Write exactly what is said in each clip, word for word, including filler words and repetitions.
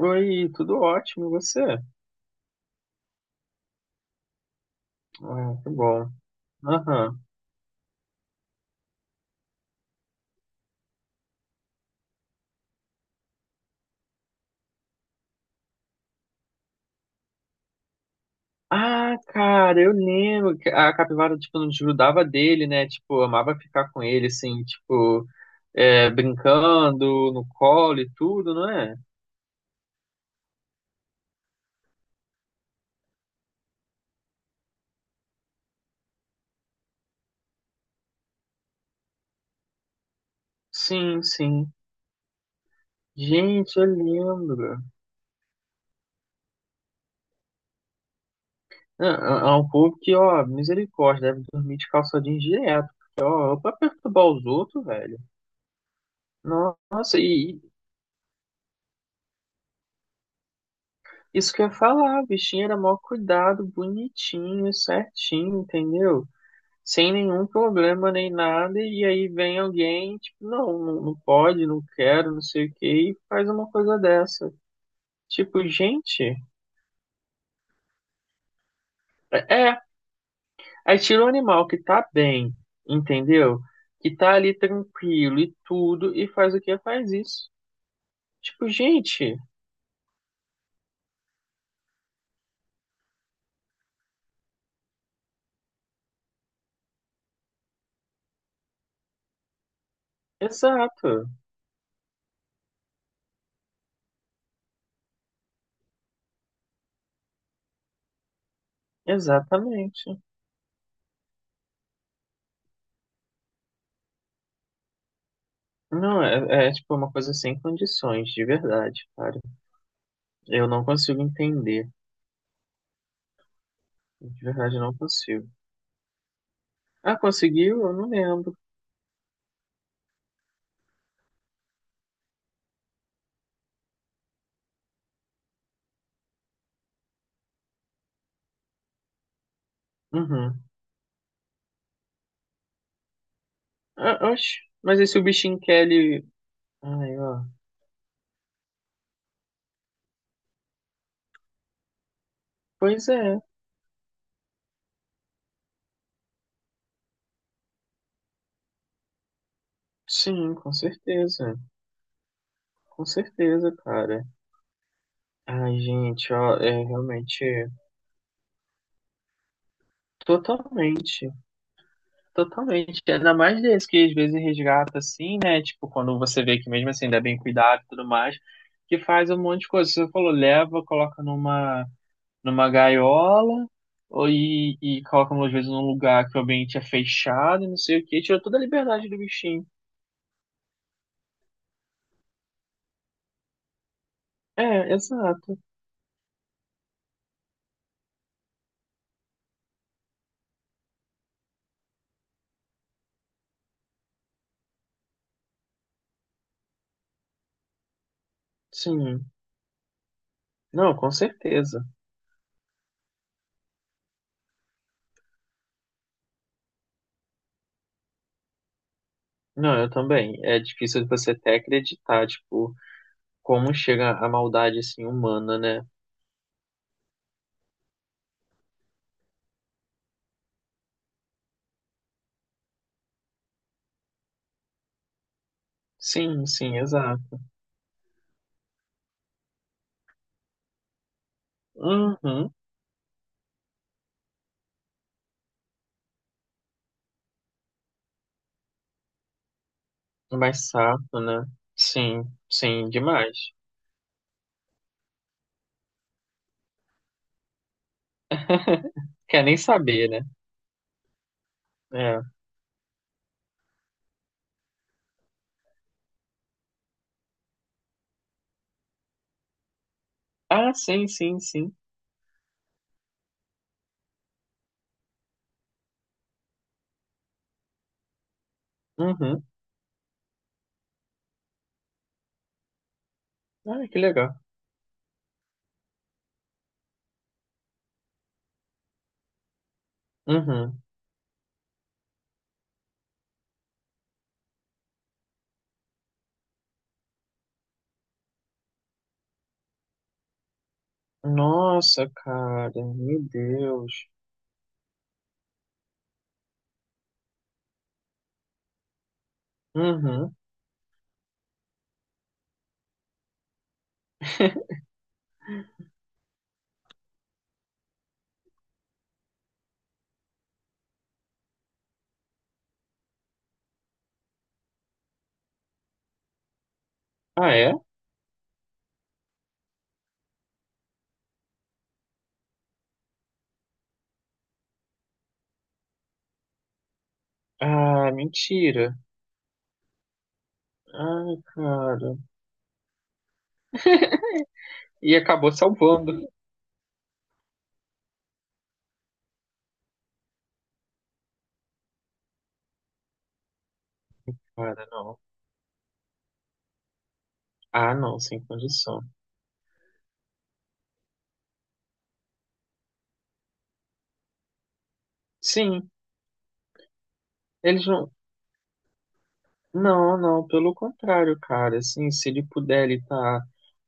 Oi, tudo ótimo, e você? Ah, que bom. Aham. Ah, cara, eu lembro que a capivara, tipo, não desgrudava dele, né? Tipo, amava ficar com ele, assim, tipo, é, brincando no colo e tudo, não é? Sim, sim. Gente, eu lembro. É, é é um povo que, ó, misericórdia, deve dormir de calça jeans direto. Porque, ó, pra perturbar os outros, velho. Nossa, e, Isso que eu ia falar, o bichinho era mó cuidado, bonitinho, certinho, entendeu? Sem nenhum problema nem nada, e aí vem alguém, tipo, não, não, não pode, não quero, não sei o que e faz uma coisa dessa. Tipo, gente, é, é, aí tira o animal que tá bem, entendeu? Que tá ali tranquilo e tudo, e faz o que faz isso. Tipo, gente, exato, exatamente. Não, é, é, tipo uma coisa sem condições, de verdade, cara. Eu não consigo entender. De verdade, eu não consigo. Ah, conseguiu? Eu não lembro. Uhum. Ah, oxe, mas esse o bichinho Kelly. Ai, ó. Pois é. Sim, com certeza. Com certeza, cara. Ai, gente, ó, é realmente totalmente, totalmente. Ainda mais desse que às vezes resgata assim, né? Tipo, quando você vê que mesmo assim ainda é bem cuidado e tudo mais, que faz um monte de coisa. Você falou, leva, coloca numa numa gaiola ou, e, e colocam às vezes num lugar que o ambiente é fechado, e não sei o que, tira toda a liberdade do bichinho. É, exato. Sim. Não, com certeza. Não, eu também. É difícil você até acreditar, tipo, como chega a maldade assim humana, né? Sim, sim, exato. Uhum. Mais sapo, né? Sim, sim, demais. Quer nem saber, né? É. Ah, sim, sim, sim. Uhum. Ah, que legal. Uhum. Nossa, cara, meu Deus. Uhum. Ah, é? Ah, mentira. Ai, cara. E acabou salvando. Cara, não. Ah, não, sem condição. Sim, eles não. Não, não, pelo contrário, cara. Assim, se ele puder, ele tá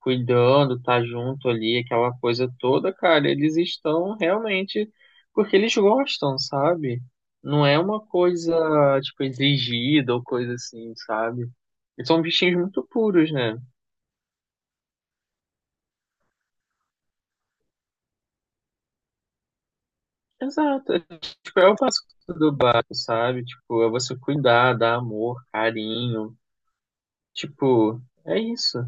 cuidando, tá junto ali, aquela coisa toda, cara, eles estão realmente porque eles gostam, sabe? Não é uma coisa, tipo, exigida ou coisa assim, sabe? Eles são bichinhos muito puros, né? Exato. é, Tipo, é o básico do básico, sabe? Tipo, é você cuidar, dar amor, carinho. Tipo, é isso.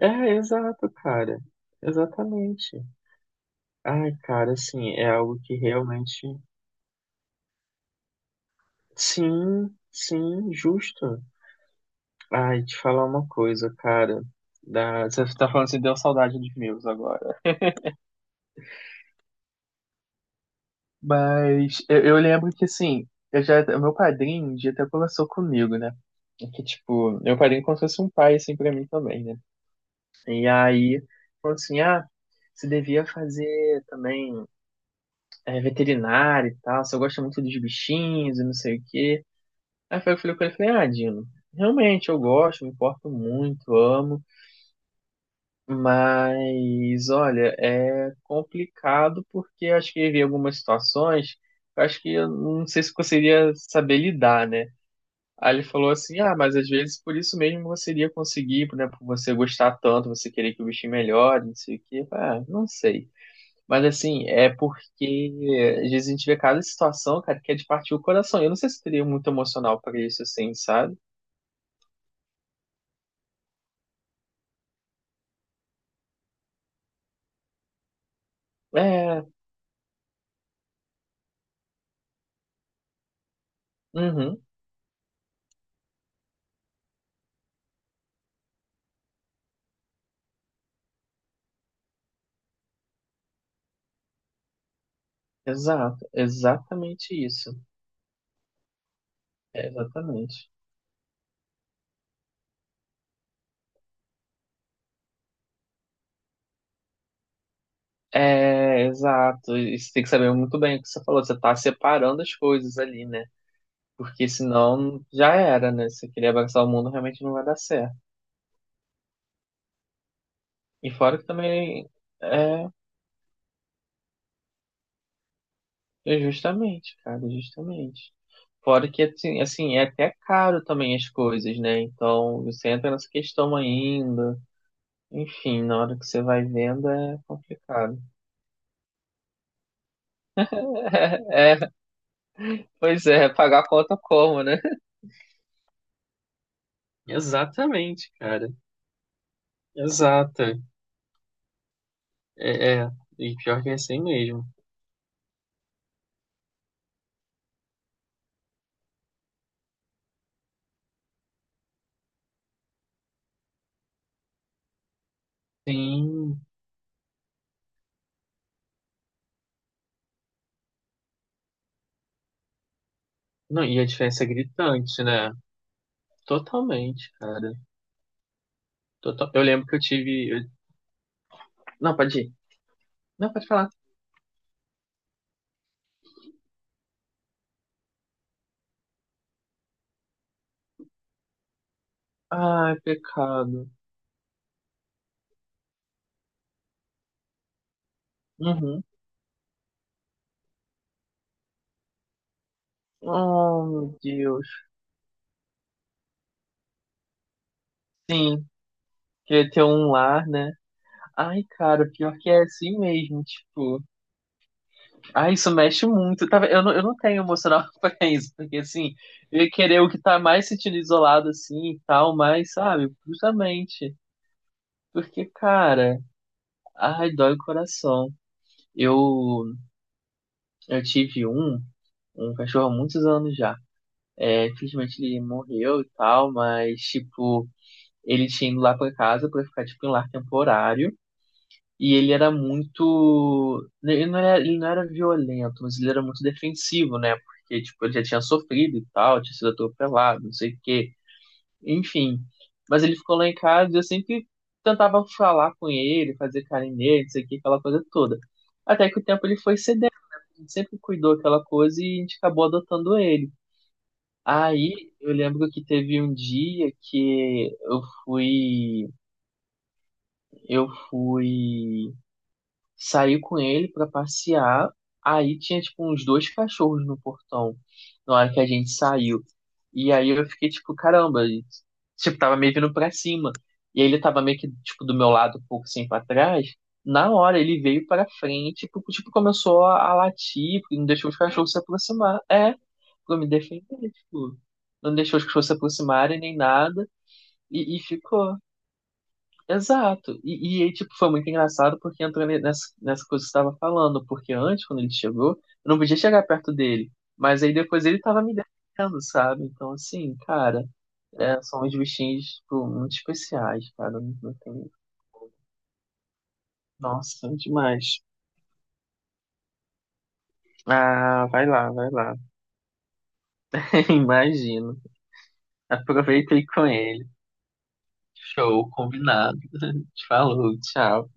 É, exato, cara. Exatamente. Ai, cara, assim, é algo que realmente. Sim, sim, justo. Ai, te falar uma coisa, cara. Da... Você tá falando assim, deu saudade dos meus agora. Mas eu, eu lembro que, assim, eu já, meu padrinho um dia até conversou comigo, né? Que, tipo, meu padrinho é como se fosse um pai, assim, pra mim também, né? E aí, falou assim, ah, você devia fazer também é, veterinário e tal, você gosta muito dos bichinhos e não sei o quê. Aí foi que eu falei com ele, falei, ah, Dino, realmente eu gosto, me importo muito, amo. Mas, olha, é complicado porque eu acho que havia algumas situações que eu acho que eu não sei se conseguiria saber lidar, né? Aí ele falou assim: ah, mas às vezes por isso mesmo você iria conseguir, né? Por você gostar tanto, você querer que o bichinho melhore, não sei o quê. Eu falei, ah, não sei. Mas assim, é porque às vezes a gente vê cada situação, cara, que é de partir o coração. Eu não sei se teria muito emocional pra isso, assim, sabe? É, uhum, exato, exatamente isso. É, exatamente. É, exato. E você tem que saber muito bem o que você falou. Você tá separando as coisas ali, né? Porque senão já era, né? Se você queria abraçar o mundo, realmente não vai dar certo. E fora que também é, é, justamente, cara, justamente. Fora que assim, assim, é até caro também as coisas, né? Então você entra nessa questão ainda. Enfim, na hora que você vai vendo é complicado. É, é, pois é, pagar a conta como, né? Exatamente, cara. Exato. É, é, e pior que é assim mesmo. Tem. Não, e a diferença é gritante, né? Totalmente, cara. Total... Eu lembro que eu tive. eu- Não, pode ir. Não, pode falar. Ai, pecado. Uhum. Oh, meu Deus. Sim, queria ter um lar, né? Ai, cara, pior que é assim mesmo, tipo. Ai, isso mexe muito. Tá, eu não, eu não tenho emocional pra isso, porque assim, eu ia querer o que tá mais sentindo isolado assim e tal, mas, sabe, justamente. Porque, cara. Ai, dói o coração. Eu, eu tive um, um cachorro há muitos anos já. É, infelizmente ele morreu e tal, mas, tipo, ele tinha ido lá pra casa pra ficar, tipo, em lar temporário. E ele era muito, né? Ele não era, ele não era violento, mas ele era muito defensivo, né? Porque, tipo, ele já tinha sofrido e tal, tinha sido atropelado, não sei o quê. Enfim. Mas ele ficou lá em casa e eu sempre tentava falar com ele, fazer carinho nele, isso aqui, aquela coisa toda. Até que o tempo ele foi cedendo, né? A gente sempre cuidou aquela coisa e a gente acabou adotando ele. Aí eu lembro que teve um dia que eu fui, eu fui, saiu com ele pra passear. Aí tinha, tipo, uns dois cachorros no portão na hora que a gente saiu. E aí eu fiquei, tipo, caramba, e, tipo, tava meio vindo pra cima. E ele tava meio que, tipo, do meu lado, um pouco assim pra trás. Na hora ele veio pra frente, tipo, tipo começou a, a latir, porque não deixou os cachorros se aproximar. É, pra me defender, tipo, não deixou os cachorros se aproximarem nem nada. E, e ficou. Exato. E, e aí, tipo, foi muito engraçado porque entrou ne- nessa, nessa coisa que você estava falando, porque antes, quando ele chegou, eu não podia chegar perto dele. Mas aí depois ele tava me defendendo, sabe? Então, assim, cara, é, são uns bichinhos, tipo, muito especiais, cara. Não, não tem... Nossa, são demais. Ah, vai lá, vai lá. Imagino. Aproveita aí com ele. Show, combinado. Falou, tchau.